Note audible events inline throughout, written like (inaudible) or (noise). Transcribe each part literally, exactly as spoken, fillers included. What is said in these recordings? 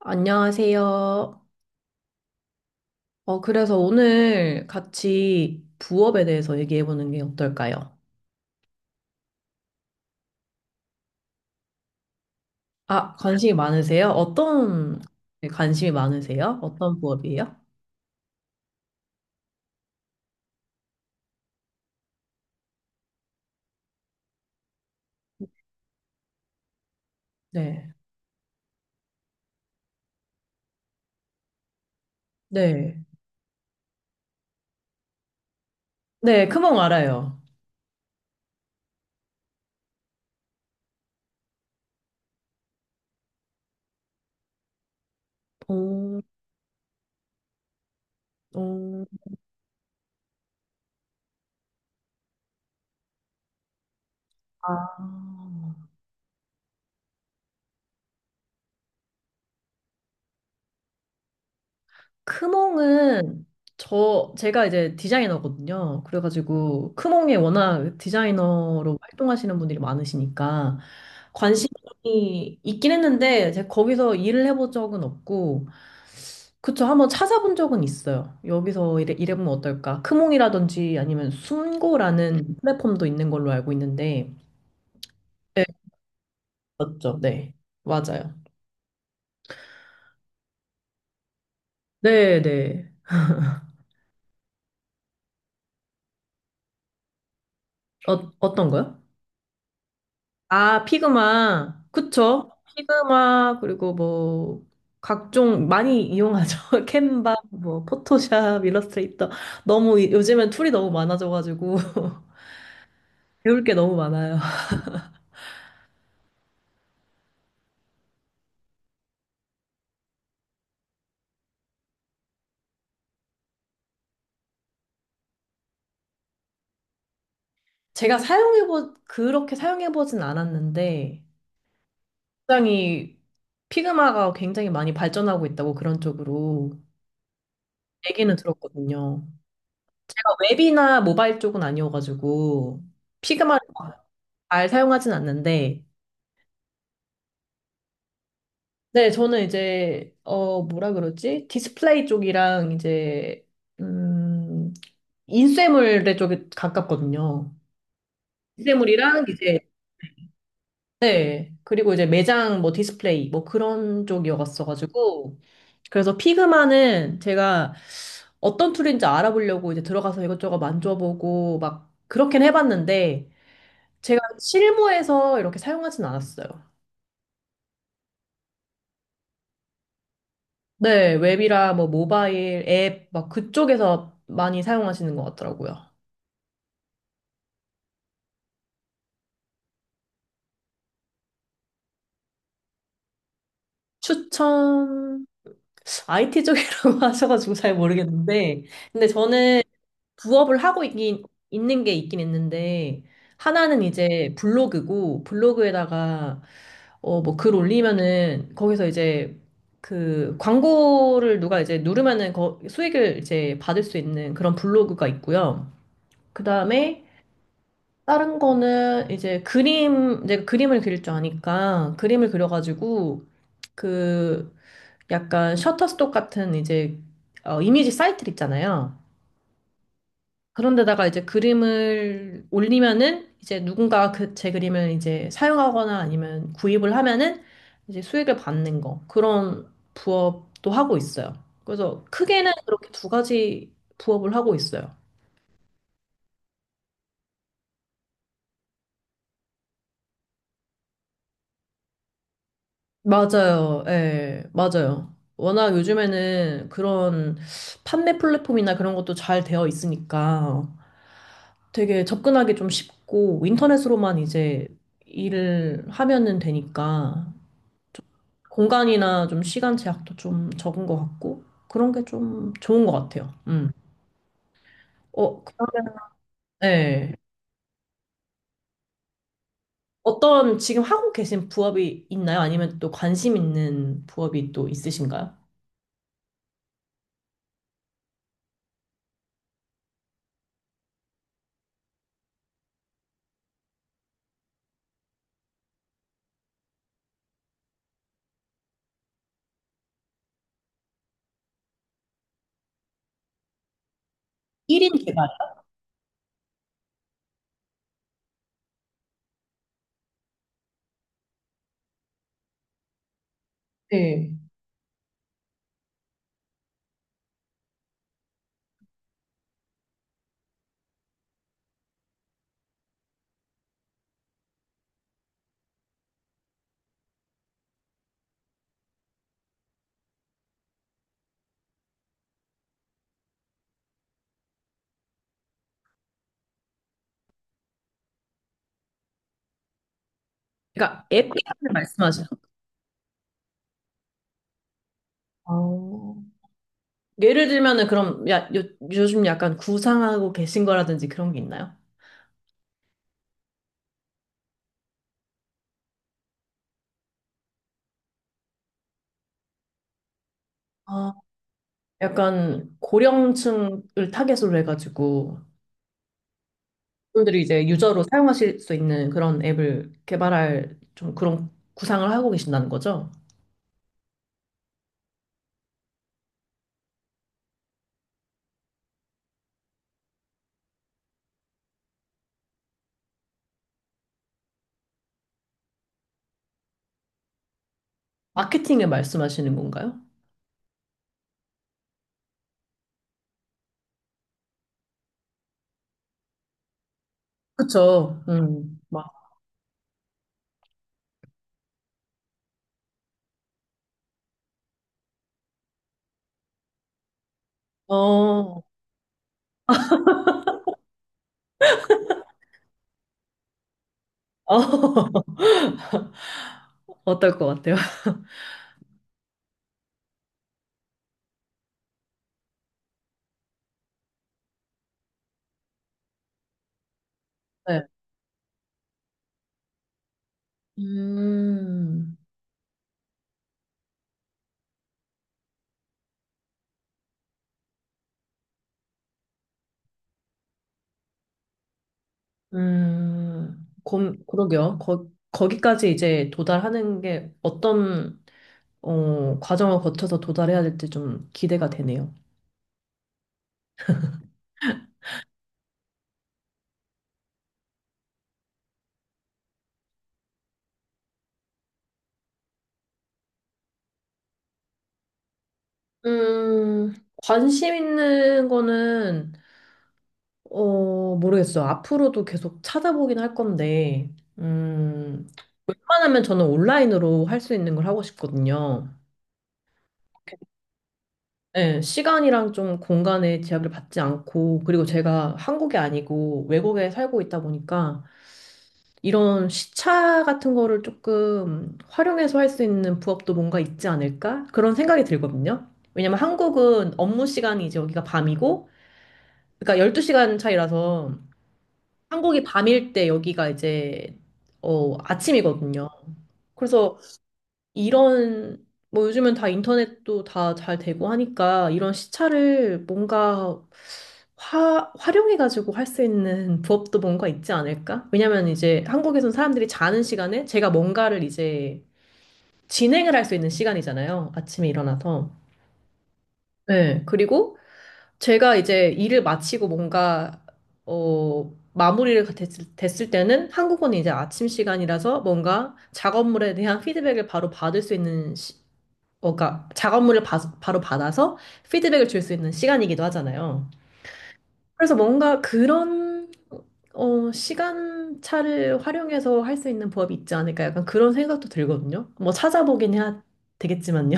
안녕하세요. 어, 그래서 오늘 같이 부업에 대해서 얘기해 보는 게 어떨까요? 아, 관심이 많으세요? 어떤 네, 관심이 많으세요? 어떤 부업이에요? 네. 네. 네, 크몽 알아요. 오, 오, 아. 크몽은 저 제가 이제 디자이너거든요. 그래가지고 크몽에 워낙 디자이너로 활동하시는 분들이 많으시니까 관심이 있긴 했는데 제가 거기서 일을 해본 적은 없고, 그쵸, 한번 찾아본 적은 있어요. 여기서 일해, 일해보면 어떨까? 크몽이라든지 아니면 순고라는 플랫폼도 있는 걸로 알고 있는데. 네, 맞죠? 네, 맞아요. 네네. 어, 어떤 거요? 아, 피그마. 그쵸? 피그마, 그리고 뭐, 각종 많이 이용하죠. (laughs) 캔바, 뭐, 포토샵, 일러스트레이터. 너무, 이- 요즘엔 툴이 너무 많아져가지고. (laughs) 배울 게 너무 많아요. 제가 사용해보, 그렇게 사용해보진 않았는데, 굉장히, 피그마가 굉장히 많이 발전하고 있다고, 그런 쪽으로 얘기는 들었거든요. 제가 웹이나 모바일 쪽은 아니어가지고, 피그마를 잘 사용하진 않는데, 네, 저는 이제, 어, 뭐라 그러지? 디스플레이 쪽이랑 이제, 음, 인쇄물의 쪽에 가깝거든요. 인쇄물이랑 이제, 네. 그리고 이제 매장, 뭐 디스플레이, 뭐 그런 쪽이었어가지고. 그래서 피그마는 제가 어떤 툴인지 알아보려고 이제 들어가서 이것저것 만져보고 막 그렇긴 해봤는데, 제가 실무에서 이렇게 사용하진 않았어요. 네, 웹이라, 뭐 모바일 앱 막 그쪽에서 많이 사용하시는 것 같더라고요. 추천. 아이티 쪽이라고 (laughs) 하셔가지고 잘 모르겠는데, 근데 저는 부업을 하고 있긴, 있는 게 있긴 있는데, 하나는 이제 블로그고, 블로그에다가 어 뭐 글 올리면은 거기서 이제 그 광고를 누가 이제 누르면은 거 수익을 이제 받을 수 있는 그런 블로그가 있고요. 그다음에 다른 거는 이제 그림, 이제 그림을 그릴 줄 아니까 그림을 그려가지고, 그 약간 셔터스톡 같은 이제, 어, 이미지 사이트 있잖아요. 그런데다가 이제 그림을 올리면은 이제 누군가 그 제 그림을 이제 사용하거나 아니면 구입을 하면은 이제 수익을 받는 거, 그런 부업도 하고 있어요. 그래서 크게는 그렇게 두 가지 부업을 하고 있어요. 맞아요. 예, 맞아요. 워낙 요즘에는 그런 판매 플랫폼이나 그런 것도 잘 되어 있으니까 되게 접근하기 좀 쉽고, 인터넷으로만 이제 일을 하면은 되니까 공간이나 좀 시간 제약도 좀 적은 것 같고, 그런 게 좀 좋은 것 같아요. 음. 어, 그러면, 예. 어떤 지금 하고 계신 부업이 있나요? 아니면 또 관심 있는 부업이 또 있으신가요? 일 인 개발. 네. 그러니까 앱 개발을 말씀하시. 어. 예를 들면은 그럼, 야, 요, 요즘 약간 구상하고 계신 거라든지 그런 게 있나요? 아, 약간 고령층을 타겟으로 해가지고, 분들이 이제 유저로 사용하실 수 있는 그런 앱을 개발할 좀 그런 구상을 하고 계신다는 거죠? 마케팅을 말씀하시는 건가요? 그쵸. 음, 막, 어, 어, (laughs) 어떨 것 같아요? 네. 음. 음, 그, 그러게요. 거, 거기까지 이제 도달하는 게 어떤 어, 과정을 거쳐서 도달해야 될지 좀 기대가 되네요. 음, 관심 있는 거는 어, 모르겠어요. 앞으로도 계속 찾아보긴 할 건데, 음, 웬만하면 저는 온라인으로 할 수 있는 걸 하고 싶거든요. 네, 시간이랑 좀 공간의 제약을 받지 않고, 그리고 제가 한국이 아니고 외국에 살고 있다 보니까 이런 시차 같은 거를 조금 활용해서 할 수 있는 부업도 뭔가 있지 않을까, 그런 생각이 들거든요. 왜냐면 한국은 업무 시간이 이제 여기가 밤이고, 그러니까 열두 시간 차이라서 한국이 밤일 때 여기가 이제, 어, 아침이거든요. 그래서 이런, 뭐 요즘은 다 인터넷도 다 잘 되고 하니까 이런 시차를 뭔가 화, 활용해가지고 할 수 있는 (laughs) 부업도 뭔가 있지 않을까? 왜냐면 이제 한국에선 사람들이 자는 시간에 제가 뭔가를 이제 진행을 할 수 있는 시간이잖아요. 아침에 일어나서. 네. 그리고 제가 이제 일을 마치고 뭔가 어 마무리를 됐을, 됐을 때는 한국은 이제 아침 시간이라서 뭔가 작업물에 대한 (laughs) 피드백을 바로 받을 수 있는 시- 어, 그러니까 작업물을 바, 바로 받아서 피드백을 줄 수 있는 시간이기도 하잖아요. 그래서 뭔가 그런, 어, 시간차를 활용해서 할 수 있는 부업이 있지 않을까, 약간 그런 생각도 들거든요. 뭐 찾아보긴 해야 되겠지만요.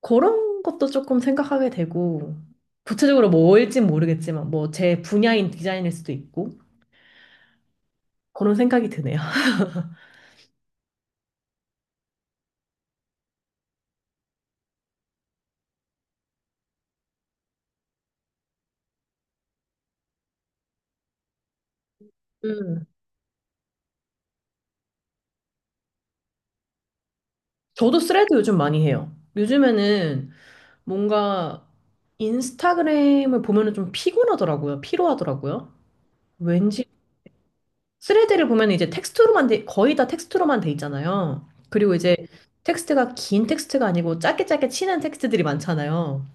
그런 것도 조금 생각하게 되고, 구체적으로 뭘진 모르겠지만 뭐 제 분야인 디자인일 수도 있고, 그런 생각이 드네요. 음. 저도 스레드 요즘 많이 해요. 요즘에는 뭔가 인스타그램을 보면은 좀 피곤하더라고요. 피로하더라고요. 왠지. 스레드를 보면 이제 텍스트로만 돼, 거의 다 텍스트로만 돼 있잖아요. 그리고 이제 텍스트가 긴 텍스트가 아니고 짧게 짧게 치는 텍스트들이 많잖아요.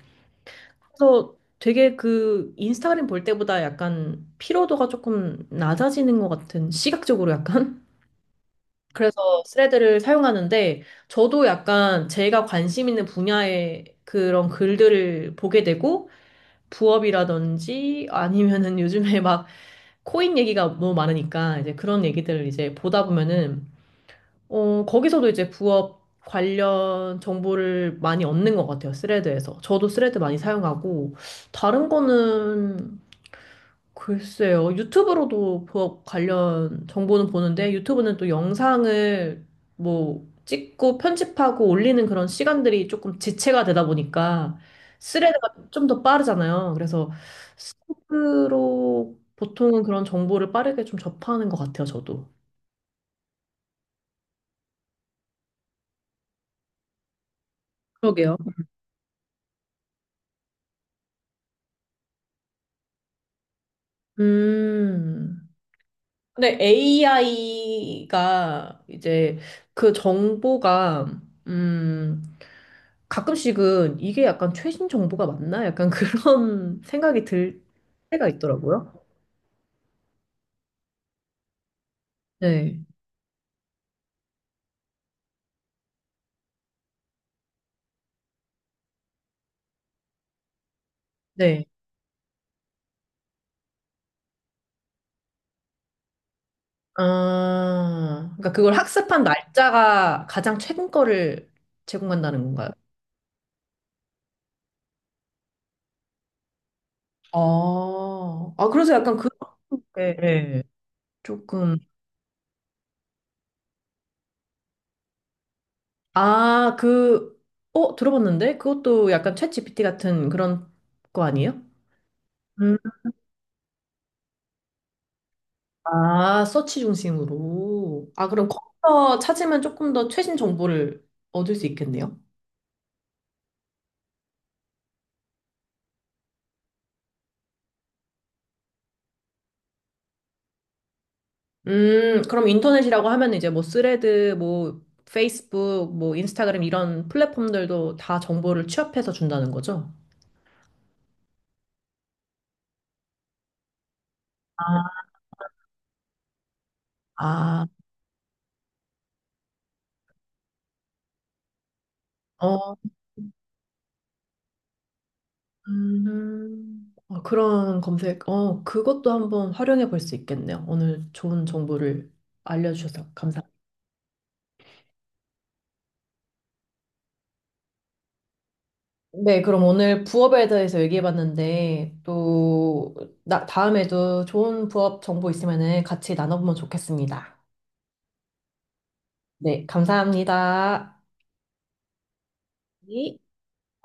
그래서 되게 그 인스타그램 볼 때보다 약간 피로도가 조금 낮아지는 것 같은, 시각적으로 약간. (laughs) 그래서 스레드를 사용하는데, 저도 약간 제가 관심 있는 분야의 그런 글들을 보게 되고, 부업이라든지 아니면은 (laughs) 요즘에 막 코인 얘기가 너무 많으니까 이제 그런 얘기들을 이제 보다 보면은 어 거기서도 이제 부업 관련 정보를 많이 얻는 것 같아요. 스레드에서. 저도 스레드 많이 사용하고, 다른 거는 글쎄요. 유튜브로도 보- 관련 정보는 보는데, 유튜브는 또 영상을 뭐 찍고 편집하고 올리는 그런 시간들이 조금 지체가 되다 보니까 스레드가 좀 더 빠르잖아요. 그래서 스스로 보통은 그런 정보를 빠르게 좀 접하는 것 같아요, 저도. 그러게요. 음. 근데 에이아이가 이제 그 정보가 음 가끔씩은 이게 약간 최신 정보가 맞나, 약간 그런 (laughs) 생각이 들 때가 있더라고요. 네. 네. 아, 그러니까 그걸 학습한 날짜가 가장 최근 거를 제공한다는 건가요? 아, 아 그래서 약간 그렇게, 예, 조금, 아, 그, 어, 들어봤는데 그것도 약간 챗지피티 같은 그런 거 아니에요? 음. 아, 서치 중심으로. 아, 그럼 거기서 찾으면 조금 더 최신 정보를 얻을 수 있겠네요. 음, 그럼 인터넷이라고 하면 이제 뭐 스레드, 뭐 페이스북, 뭐 인스타그램 이런 플랫폼들도 다 정보를 취합해서 준다는 거죠? 아, 아, 어, 음, 어, 그런 검색, 어, 그것도 한번 활용해 볼 수 있겠네요. 오늘 좋은 정보를 알려주셔서 감사합니다. 네, 그럼 오늘 부업에 대해서 얘기해봤는데, 또, 나, 다음에도 좋은 부업 정보 있으면은 같이 나눠보면 좋겠습니다. 네, 감사합니다. 네.